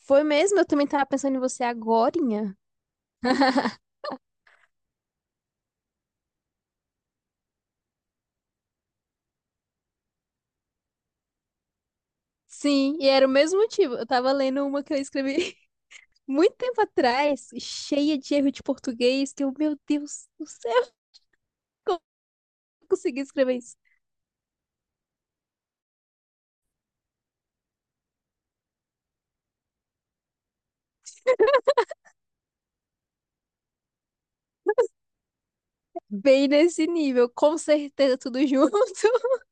Foi mesmo? Eu também tava pensando em você agorinha. Sim, e era o mesmo motivo. Eu tava lendo uma que eu escrevi muito tempo atrás, cheia de erro de português, que eu, meu Deus do céu, como eu consegui escrever isso? Bem nesse nível, com certeza tudo junto.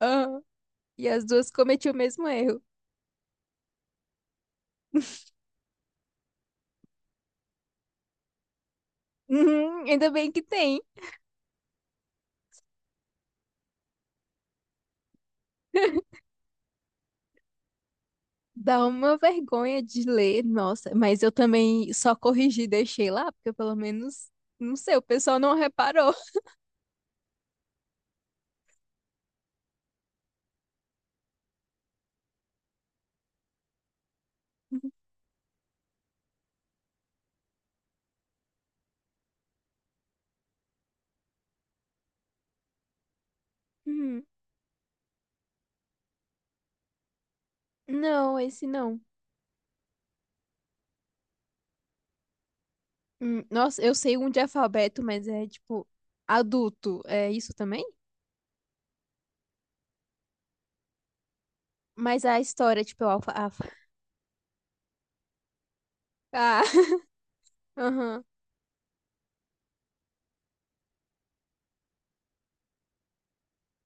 Ah, e as duas cometi o mesmo erro. Uhum, ainda bem que tem. Dá uma vergonha de ler, nossa, mas eu também só corrigi e deixei lá, porque pelo menos, não sei, o pessoal não reparou. Não, esse não. Nossa, eu sei um de alfabeto, mas é tipo adulto. É isso também? Mas a história, tipo, é o alfa, alfa. Ah, aham.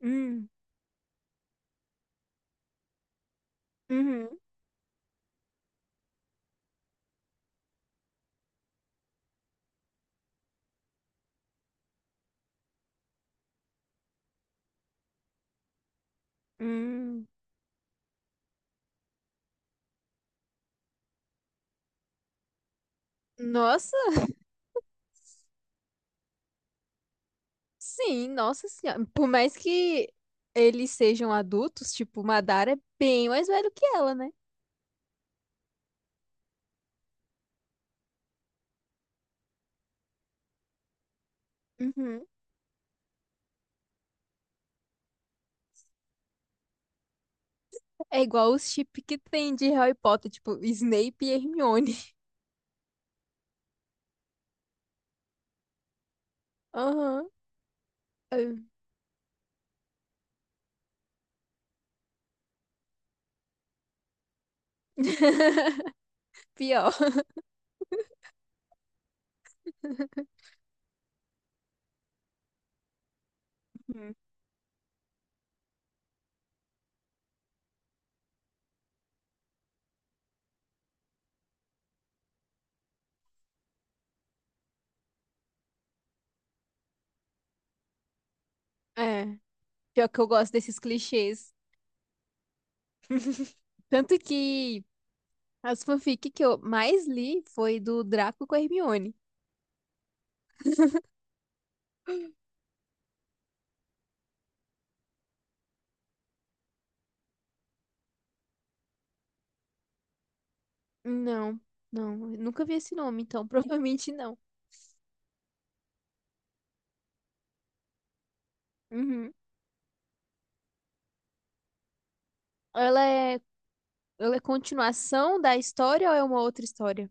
Hum, uhum, hum. Nossa, sim, nossa senhora. Por mais que eles sejam adultos, tipo, Madara é bem mais velho que ela, né? Uhum. É igual os chip que tem de Harry Potter, tipo, Snape e Hermione. Aham. É. Pior. Uhum. É. Pior que eu gosto desses clichês. Tanto que as fanfic que eu mais li foi do Draco com a Hermione. Não, não, eu nunca vi esse nome, então provavelmente não. Uhum. Ela é, ela é continuação da história ou é uma outra história?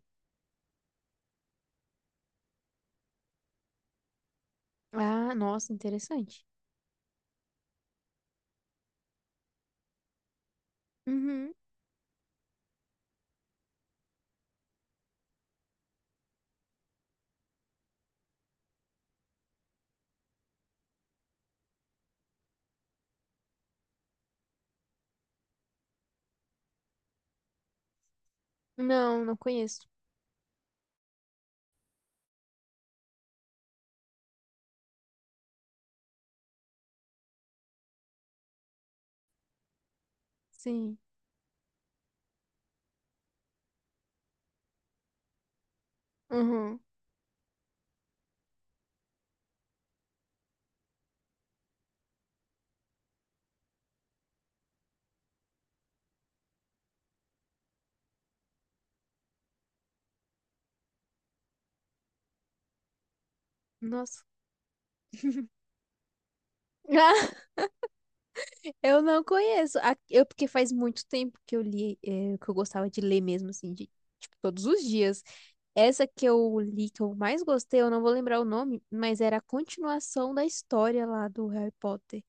Ah, nossa, interessante. Uhum. Não, não conheço. Sim. Uhum. Nossa. Eu não conheço. Eu, porque faz muito tempo que eu li, que eu gostava de ler mesmo, assim, de, tipo, todos os dias. Essa que eu li, que eu mais gostei, eu não vou lembrar o nome, mas era a continuação da história lá do Harry Potter.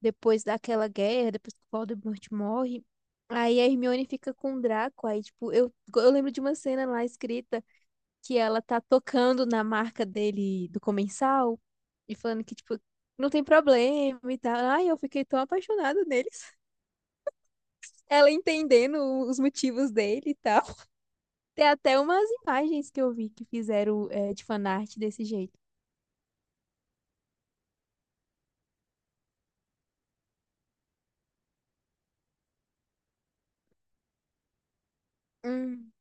Depois daquela guerra, depois que o Voldemort morre, aí a Hermione fica com o Draco, aí, tipo, eu lembro de uma cena lá escrita que ela tá tocando na marca dele, do comensal, e falando que, tipo, não tem problema e tal. Ai, eu fiquei tão apaixonada nele ela entendendo os motivos dele e tal. Tem até umas imagens que eu vi que fizeram de fanart desse jeito. Hum.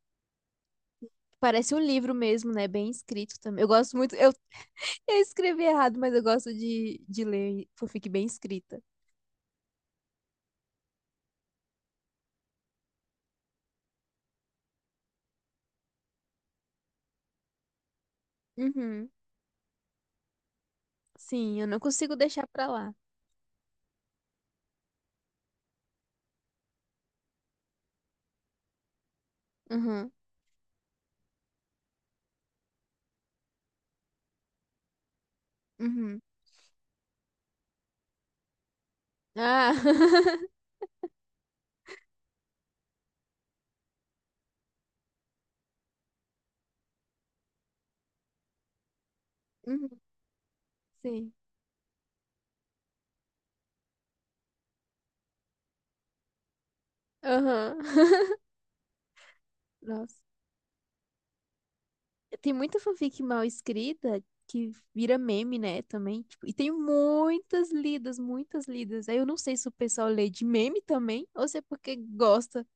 Parece um livro mesmo, né? Bem escrito também. Eu gosto muito. Eu escrevi errado, mas eu gosto de ler fanfic bem escrita. Uhum. Sim, eu não consigo deixar pra lá. Uhum. Uhum. Ah, Uhum. Sim. Aham. Nossa. Tem muita fanfic mal escrita que vira meme, né, também. Tipo, e tem muitas lidas, muitas lidas. Aí eu não sei se o pessoal lê de meme também ou se é porque gosta.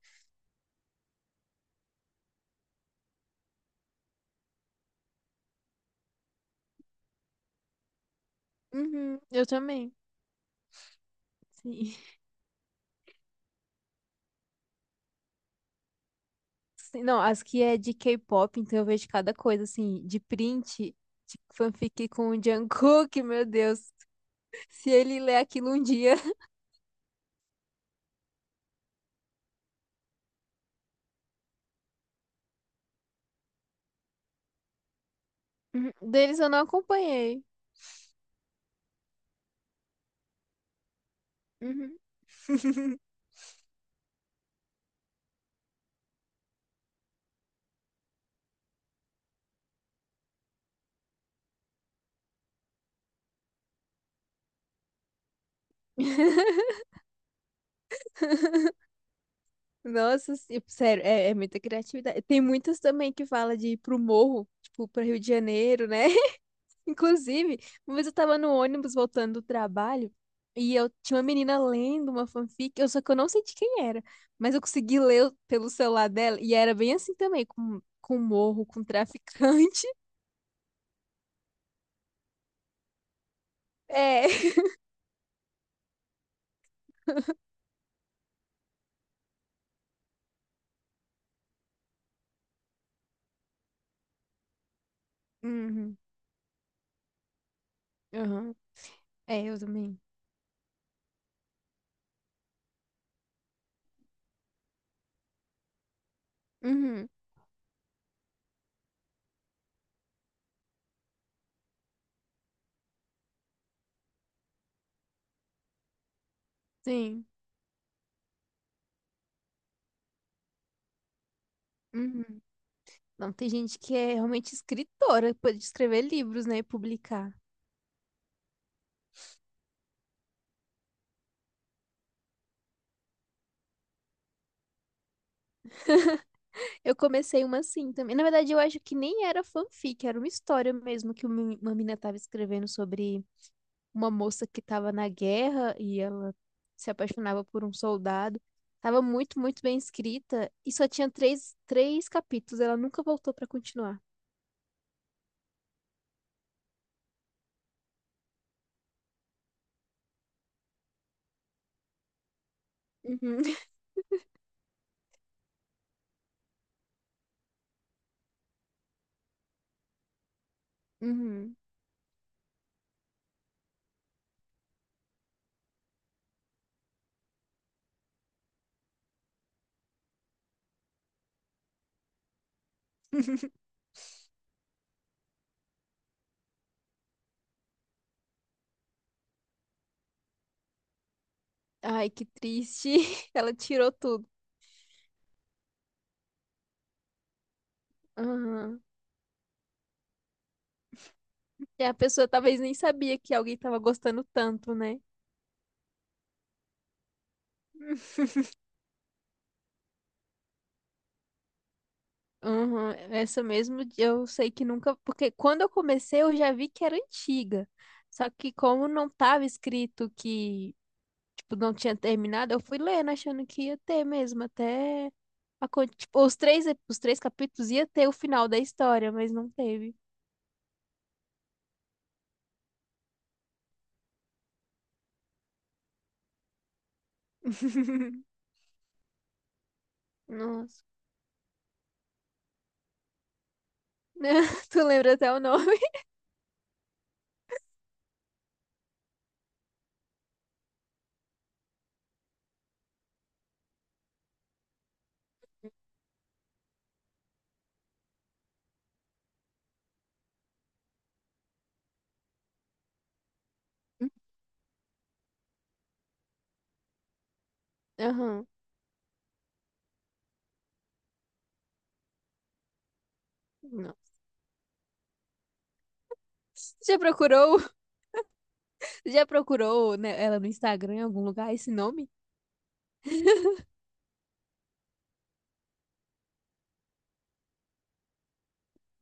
Uhum, eu também. Sim. Sim, não, as que é de K-pop, então eu vejo cada coisa, assim, de print, de fanfic com o Jungkook, meu Deus. Se ele ler aquilo um dia. Uhum, deles eu não acompanhei. Uhum. Nossa, sério, é muita criatividade. Tem muitas também que fala de ir pro morro, tipo, pra Rio de Janeiro, né? Inclusive, uma vez eu tava no ônibus voltando do trabalho e eu tinha uma menina lendo uma fanfic, eu só que eu não sei de quem era, mas eu consegui ler pelo celular dela e era bem assim também, com, morro, com traficante. É. Uhum, uhum. É, eu também. Uhum, sim. Uhum. Não, tem gente que é realmente escritora, pode escrever livros, né, e publicar. Eu comecei uma assim também. Na verdade, eu acho que nem era fanfic, era uma história mesmo que uma menina estava escrevendo sobre uma moça que estava na guerra e ela se apaixonava por um soldado. Tava muito, muito bem escrita e só tinha três capítulos. Ela nunca voltou para continuar. Uhum. Uhum. Ai, que triste. Ela tirou tudo. Aham. E a pessoa talvez nem sabia que alguém tava gostando tanto, né? Uhum, essa mesmo eu sei que nunca, porque quando eu comecei eu já vi que era antiga. Só que como não tava escrito que, tipo, não tinha terminado, eu fui lendo achando que ia ter mesmo, até tipo, os três capítulos ia ter o final da história, mas não teve. Nossa. Tu lembra até o nome? Aham. Não. Já procurou, já procurou, né, ela no Instagram em algum lugar esse nome?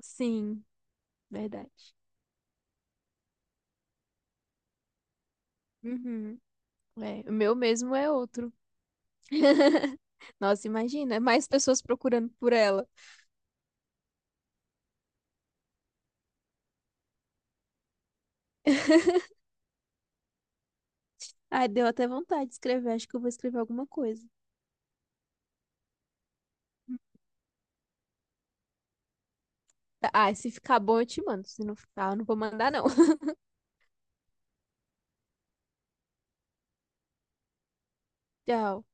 Sim, verdade. Uhum. É, o meu mesmo é outro. Nossa, imagina, mais pessoas procurando por ela. Ai, deu até vontade de escrever. Acho que eu vou escrever alguma coisa. Tá, ah, se ficar bom, eu te mando. Se não ficar, eu não vou mandar, não. Tchau.